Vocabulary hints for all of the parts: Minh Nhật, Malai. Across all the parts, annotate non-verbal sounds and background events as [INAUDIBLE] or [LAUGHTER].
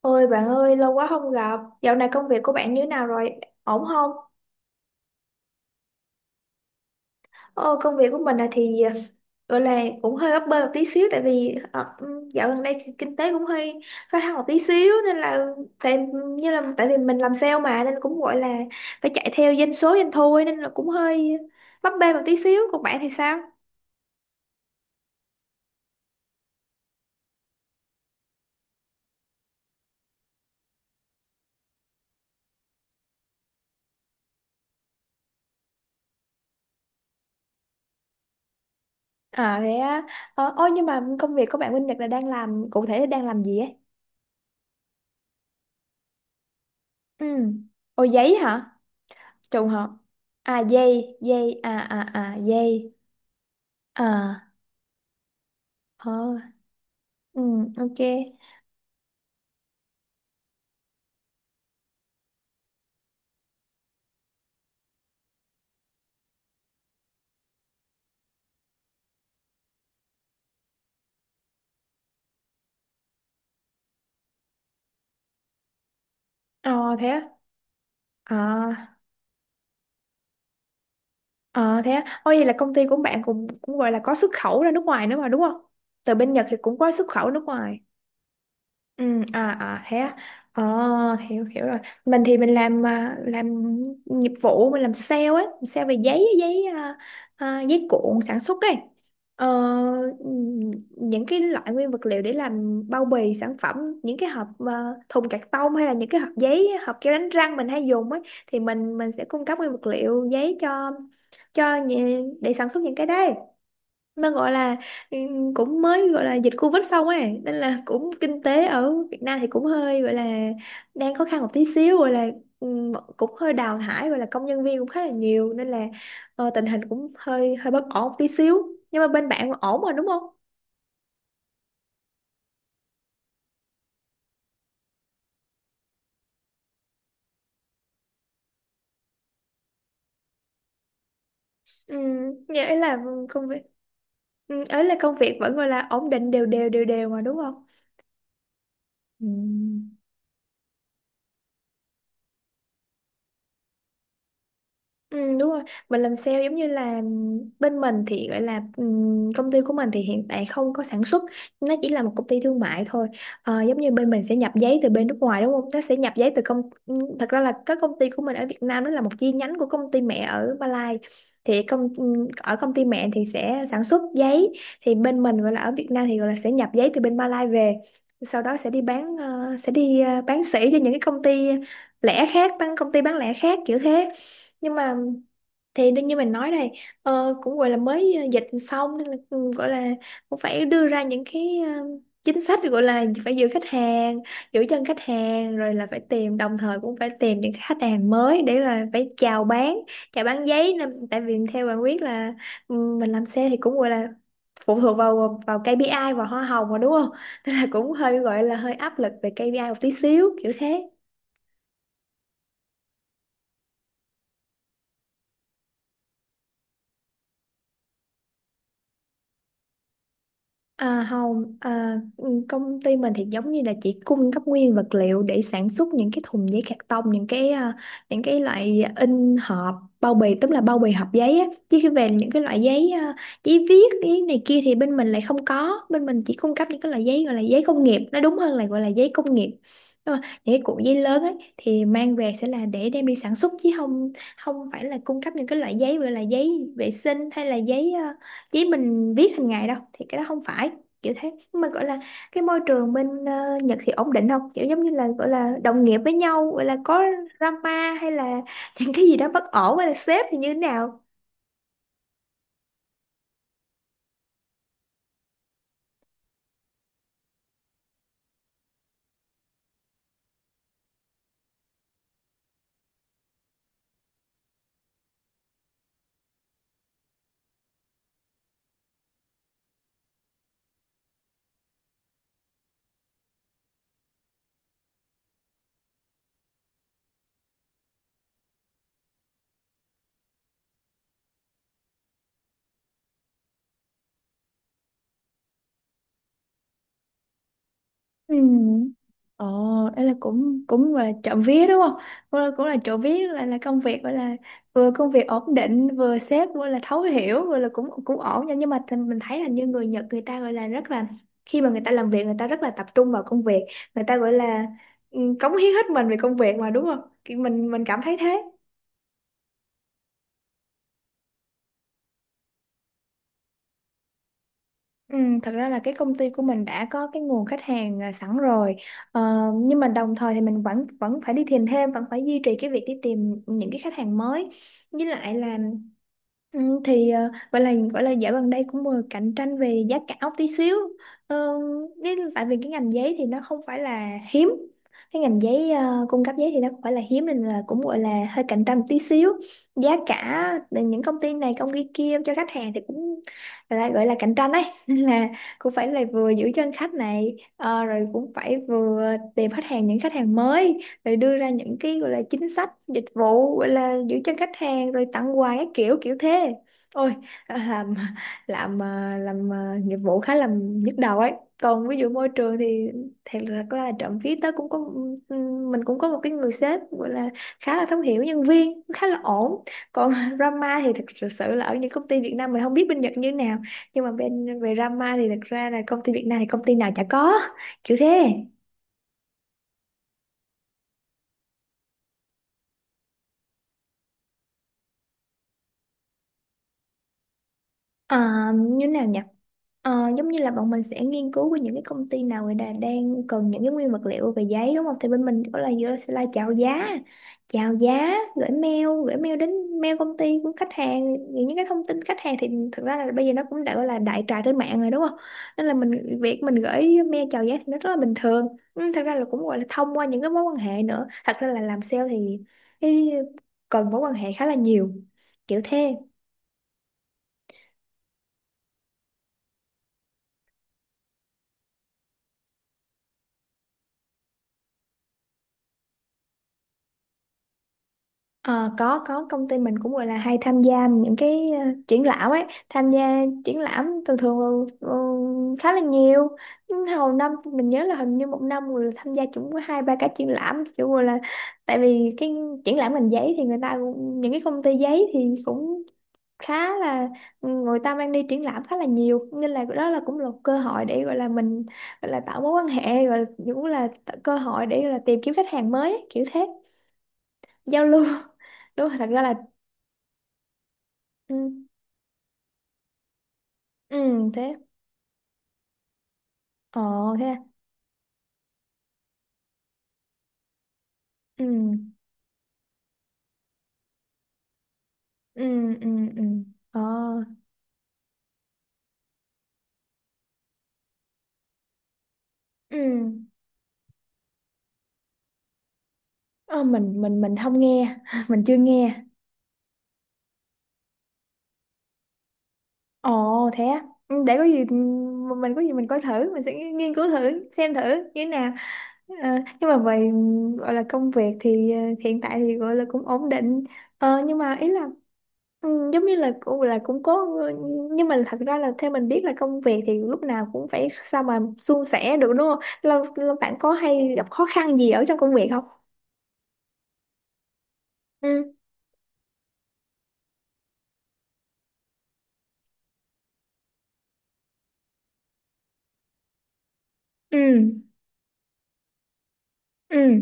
Ôi bạn ơi, lâu quá không gặp. Dạo này công việc của bạn như thế nào rồi? Ổn không? Ờ, công việc của mình gọi là cũng hơi bấp bênh một tí xíu tại vì dạo gần đây kinh tế cũng hơi hơi hao một tí xíu nên là tại như là tại vì mình làm sale mà nên cũng gọi là phải chạy theo doanh số doanh thu ấy, nên là cũng hơi bấp bênh một tí xíu. Còn bạn thì sao? À thế á. Ôi nhưng mà công việc của bạn Minh Nhật đang làm cụ thể là đang làm gì ấy? Ừ. Ồ giấy hả? Trùng hợp. À dây dây à dây. À. Ờ. ừ, ok. Ờ thế á. Ờ ờ thế á. Ôi vậy là công ty của bạn cũng cũng gọi là có xuất khẩu ra nước ngoài nữa mà đúng không, từ bên Nhật thì cũng có xuất khẩu nước ngoài. Ừ, à thế à. Ờ. Hiểu, hiểu rồi. Mình thì mình làm làm nghiệp vụ, mình làm sale ấy, làm sale về giấy, giấy giấy cuộn sản xuất ấy. ờ, ừm, những cái loại nguyên vật liệu để làm bao bì sản phẩm, những cái hộp thùng cạc tông hay là những cái hộp giấy, hộp keo đánh răng mình hay dùng ấy thì mình sẽ cung cấp nguyên vật liệu giấy cho để sản xuất những cái đấy, nó gọi là cũng mới gọi là dịch Covid xong ấy nên là cũng kinh tế ở Việt Nam thì cũng hơi gọi là đang khó khăn một tí xíu, gọi là cũng hơi đào thải gọi là công nhân viên cũng khá là nhiều nên là tình hình cũng hơi hơi bất ổn một tí xíu, nhưng mà bên bạn ổn rồi đúng không? Ừ, nghĩa là công việc ấy là công việc vẫn gọi là ổn định đều đều đều đều mà đúng không? Ừ. Ừ, đúng rồi, mình làm sale giống như là bên mình thì gọi là công ty của mình thì hiện tại không có sản xuất, nó chỉ là một công ty thương mại thôi. Ờ, giống như bên mình sẽ nhập giấy từ bên nước ngoài đúng không, nó sẽ nhập giấy từ công thật ra là các công ty của mình ở Việt Nam đó là một chi nhánh của công ty mẹ ở Malai, thì công ở công ty mẹ thì sẽ sản xuất giấy, thì bên mình gọi là ở Việt Nam thì gọi là sẽ nhập giấy từ bên Malai về, sau đó sẽ đi bán sẽ đi bán sỉ cho những cái công ty lẻ khác, bán công ty bán lẻ khác kiểu thế. Nhưng mà thì đương như mình nói đây, cũng gọi là mới dịch xong nên là cũng gọi là cũng phải đưa ra những cái chính sách gọi là phải giữ khách hàng, giữ chân khách hàng, rồi là phải tìm, đồng thời cũng phải tìm những khách hàng mới để là phải chào bán, chào bán giấy nên tại vì theo bạn biết là ừ, mình làm xe thì cũng gọi là phụ thuộc vào vào KPI và hoa hồng mà đúng không [LAUGHS] nên là cũng hơi gọi là hơi áp lực về KPI một tí xíu kiểu thế. À, không, công ty mình thì giống như là chỉ cung cấp nguyên vật liệu để sản xuất những cái thùng giấy cạc tông, những cái những cái loại in hộp bao bì, tức là bao bì hộp giấy á. Chứ khi về những cái loại giấy giấy viết, giấy này kia thì bên mình lại không có, bên mình chỉ cung cấp những cái loại giấy gọi là giấy công nghiệp, nó đúng hơn là gọi là giấy công nghiệp. Nhưng mà những cái cuộn giấy lớn ấy thì mang về sẽ là để đem đi sản xuất chứ không, không phải là cung cấp những cái loại giấy gọi là giấy vệ sinh hay là giấy chỉ mình viết hàng ngày đâu, thì cái đó không phải kiểu thế. Nhưng mà gọi là cái môi trường bên Nhật thì ổn định không, kiểu giống như là gọi là đồng nghiệp với nhau gọi là có drama hay là [LAUGHS] những cái gì đó bất ổn hay là sếp thì như thế nào? Ừ. Ồ, đây là cũng cũng gọi là trộm vía đúng không? Cũng là trộm vía là công việc gọi là vừa công việc ổn định, vừa sếp vừa là thấu hiểu, vừa là cũng cũng ổn nha. Nhưng mà mình thấy là như người Nhật người ta gọi là rất là khi mà người ta làm việc người ta rất là tập trung vào công việc, người ta gọi là ừ, cống hiến hết mình về công việc mà đúng không? Kiểu mình cảm thấy thế. Ừ, thật ra là cái công ty của mình đã có cái nguồn khách hàng sẵn rồi, ờ, nhưng mà đồng thời thì mình vẫn vẫn phải đi tìm thêm, vẫn phải duy trì cái việc đi tìm những cái khách hàng mới với lại là ừ, thì gọi là dạo gần đây cũng vừa cạnh tranh về giá cả một tí xíu. Ờ, cái tại vì cái ngành giấy thì nó không phải là hiếm, cái ngành giấy cung cấp giấy thì nó không phải là hiếm nên là cũng gọi là hơi cạnh tranh một tí xíu, giá cả từ những công ty này công ty kia cho khách hàng thì cũng là gọi là cạnh tranh đấy [LAUGHS] nên là cũng phải là vừa giữ chân khách này, rồi cũng phải vừa tìm khách hàng, những khách hàng mới, rồi đưa ra những cái gọi là chính sách dịch vụ gọi là giữ chân khách hàng rồi tặng quà các kiểu kiểu thế. Ôi, à, làm làm nghiệp vụ khá là nhức đầu ấy. Còn ví dụ môi trường thì thật ra là trộm vía tớ cũng có mình cũng có một cái người sếp gọi là khá là thấu hiểu nhân viên, khá là ổn. Còn [LAUGHS] drama thì thật sự sự là ở những công ty Việt Nam, mình không biết bên Nhật như thế nào nhưng mà bên về drama thì thật ra là công ty Việt Nam thì công ty nào chả có kiểu thế. À, như thế nào nhỉ. Ờ, giống như là bọn mình sẽ nghiên cứu với những cái công ty nào người ta đang cần những cái nguyên vật liệu về giấy đúng không? Thì bên mình có là vừa sẽ là chào giá, gửi mail đến mail công ty của khách hàng, những cái thông tin khách hàng thì thực ra là bây giờ nó cũng đã gọi là đại trà trên mạng rồi đúng không? Nên là mình, việc mình gửi mail chào giá thì nó rất là bình thường. Ừ, thật ra là cũng gọi là thông qua những cái mối quan hệ nữa. Thật ra là làm sale thì cái cần mối quan hệ khá là nhiều. Kiểu thế. Ờ, có công ty mình cũng gọi là hay tham gia những cái triển lãm ấy, tham gia triển lãm thường thường khá là nhiều. Nhưng hầu năm mình nhớ là hình như một năm người tham gia cũng có hai ba cái triển lãm kiểu gọi là tại vì cái triển lãm ngành giấy thì những cái công ty giấy thì cũng khá là ừ, người ta mang đi triển lãm khá là nhiều nên là đó là cũng là một cơ hội để gọi là mình gọi là tạo mối quan hệ, gọi là cũng là cơ hội để gọi là tìm kiếm khách hàng mới ấy, kiểu thế, giao lưu [LAUGHS] đúng rồi, thật ra là ừ. Ừ thế. Ờ. Thế à? Ừ. Ừ. Ừ. Ừ. Ờ. Ừ. Ờ mình không nghe [LAUGHS] mình chưa nghe. Ồ thế á. Ừ, để có gì mình có gì mình coi thử, mình sẽ nghiên cứu thử xem thử như thế nào. Ờ, nhưng mà về ừ, gọi là công việc thì hiện tại thì gọi là cũng ổn định. Ờ nhưng mà ý là ừ, giống như là cũng có, nhưng mà thật ra là theo mình biết là công việc thì lúc nào cũng phải sao mà suôn sẻ được đúng không? Là bạn có hay gặp khó khăn gì ở trong công việc không? Ừ. Ừ. Ừ.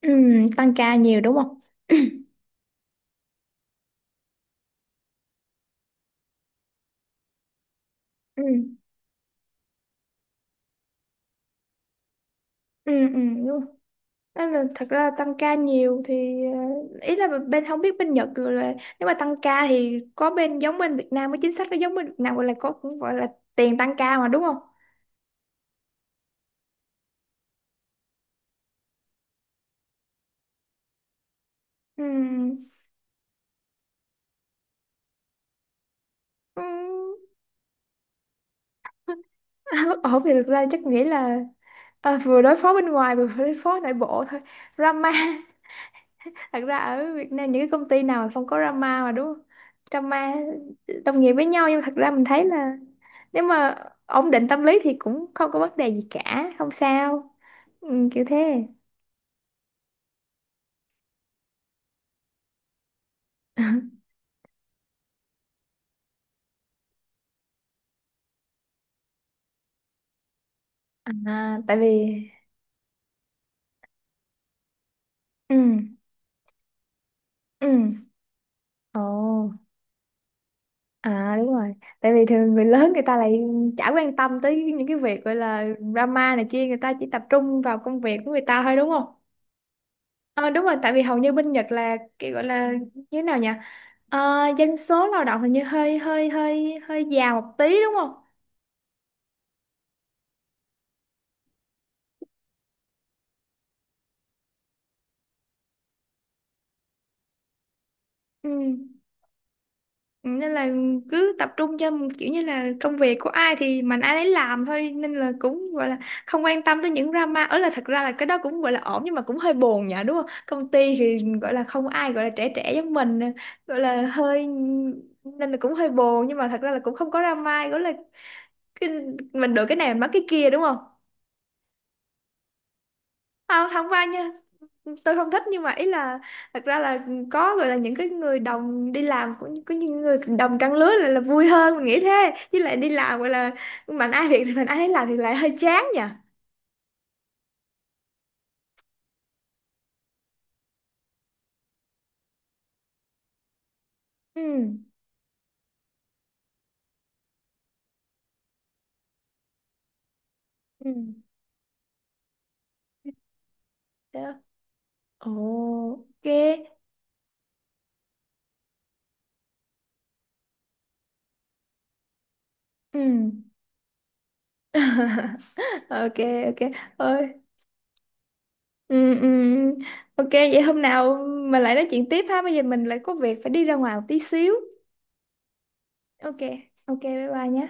Ừ. Tăng ca nhiều đúng không? [CLEARS THROAT] Ừ. [COUGHS] Ừ. Ừ. Đúng rồi. Đó là thật ra tăng ca nhiều thì ý là bên không biết bên Nhật rồi là nếu mà tăng ca thì có bên giống bên Việt Nam, cái chính sách nó giống bên Việt Nam gọi là có cũng gọi là tiền tăng ca mà đúng không? Ừ. Ừ. [LAUGHS] Ổn thì thực ra chắc nghĩ là vừa đối phó bên ngoài vừa đối phó nội bộ thôi. Drama. [LAUGHS] Thật ra ở Việt Nam những cái công ty nào mà không có drama mà đúng không? Drama đồng nghiệp với nhau, nhưng mà thật ra mình thấy là nếu mà ổn định tâm lý thì cũng không có vấn đề gì cả, không sao. Ừ, kiểu thế. [LAUGHS] À, tại vì ừ. Ừ. Ồ. À đúng rồi, tại vì thường người lớn người ta lại chả quan tâm tới những cái việc gọi là drama này kia, người ta chỉ tập trung vào công việc của người ta thôi đúng không? Ờ đúng rồi, tại vì hầu như bên Nhật là cái gọi là như thế nào nhỉ? Ờ, dân số lao động hình như hơi hơi hơi hơi già một tí đúng không? Ừ. Ừ, nên là cứ tập trung cho kiểu như là công việc của ai thì mình ai đấy làm thôi nên là cũng gọi là không quan tâm tới những drama ở là thật ra là cái đó cũng gọi là ổn, nhưng mà cũng hơi buồn nhỉ đúng không, công ty thì gọi là không ai gọi là trẻ trẻ giống mình gọi là hơi, nên là cũng hơi buồn, nhưng mà thật ra là cũng không có drama gọi là cái, mình được cái này mình mất cái kia đúng không. Ờ, không thông qua nha, tôi không thích, nhưng mà ý là thật ra là có gọi là những cái người đồng đi làm, có những người đồng trang lứa là vui hơn mình nghĩ thế, chứ lại đi làm gọi là mạnh ai việc thì mạnh ai nấy làm thì lại hơi chán nhỉ. Ừ. Ừ. Thế. Ồ, ok. Ừ. [LAUGHS] Ok. Ok. Ơi. Ừ, ừ. Ừ. Ok, vậy hôm nào mình lại nói chuyện tiếp ha, bây giờ mình lại có việc phải đi ra ngoài một tí xíu. Ok. Ok bye bye nhé.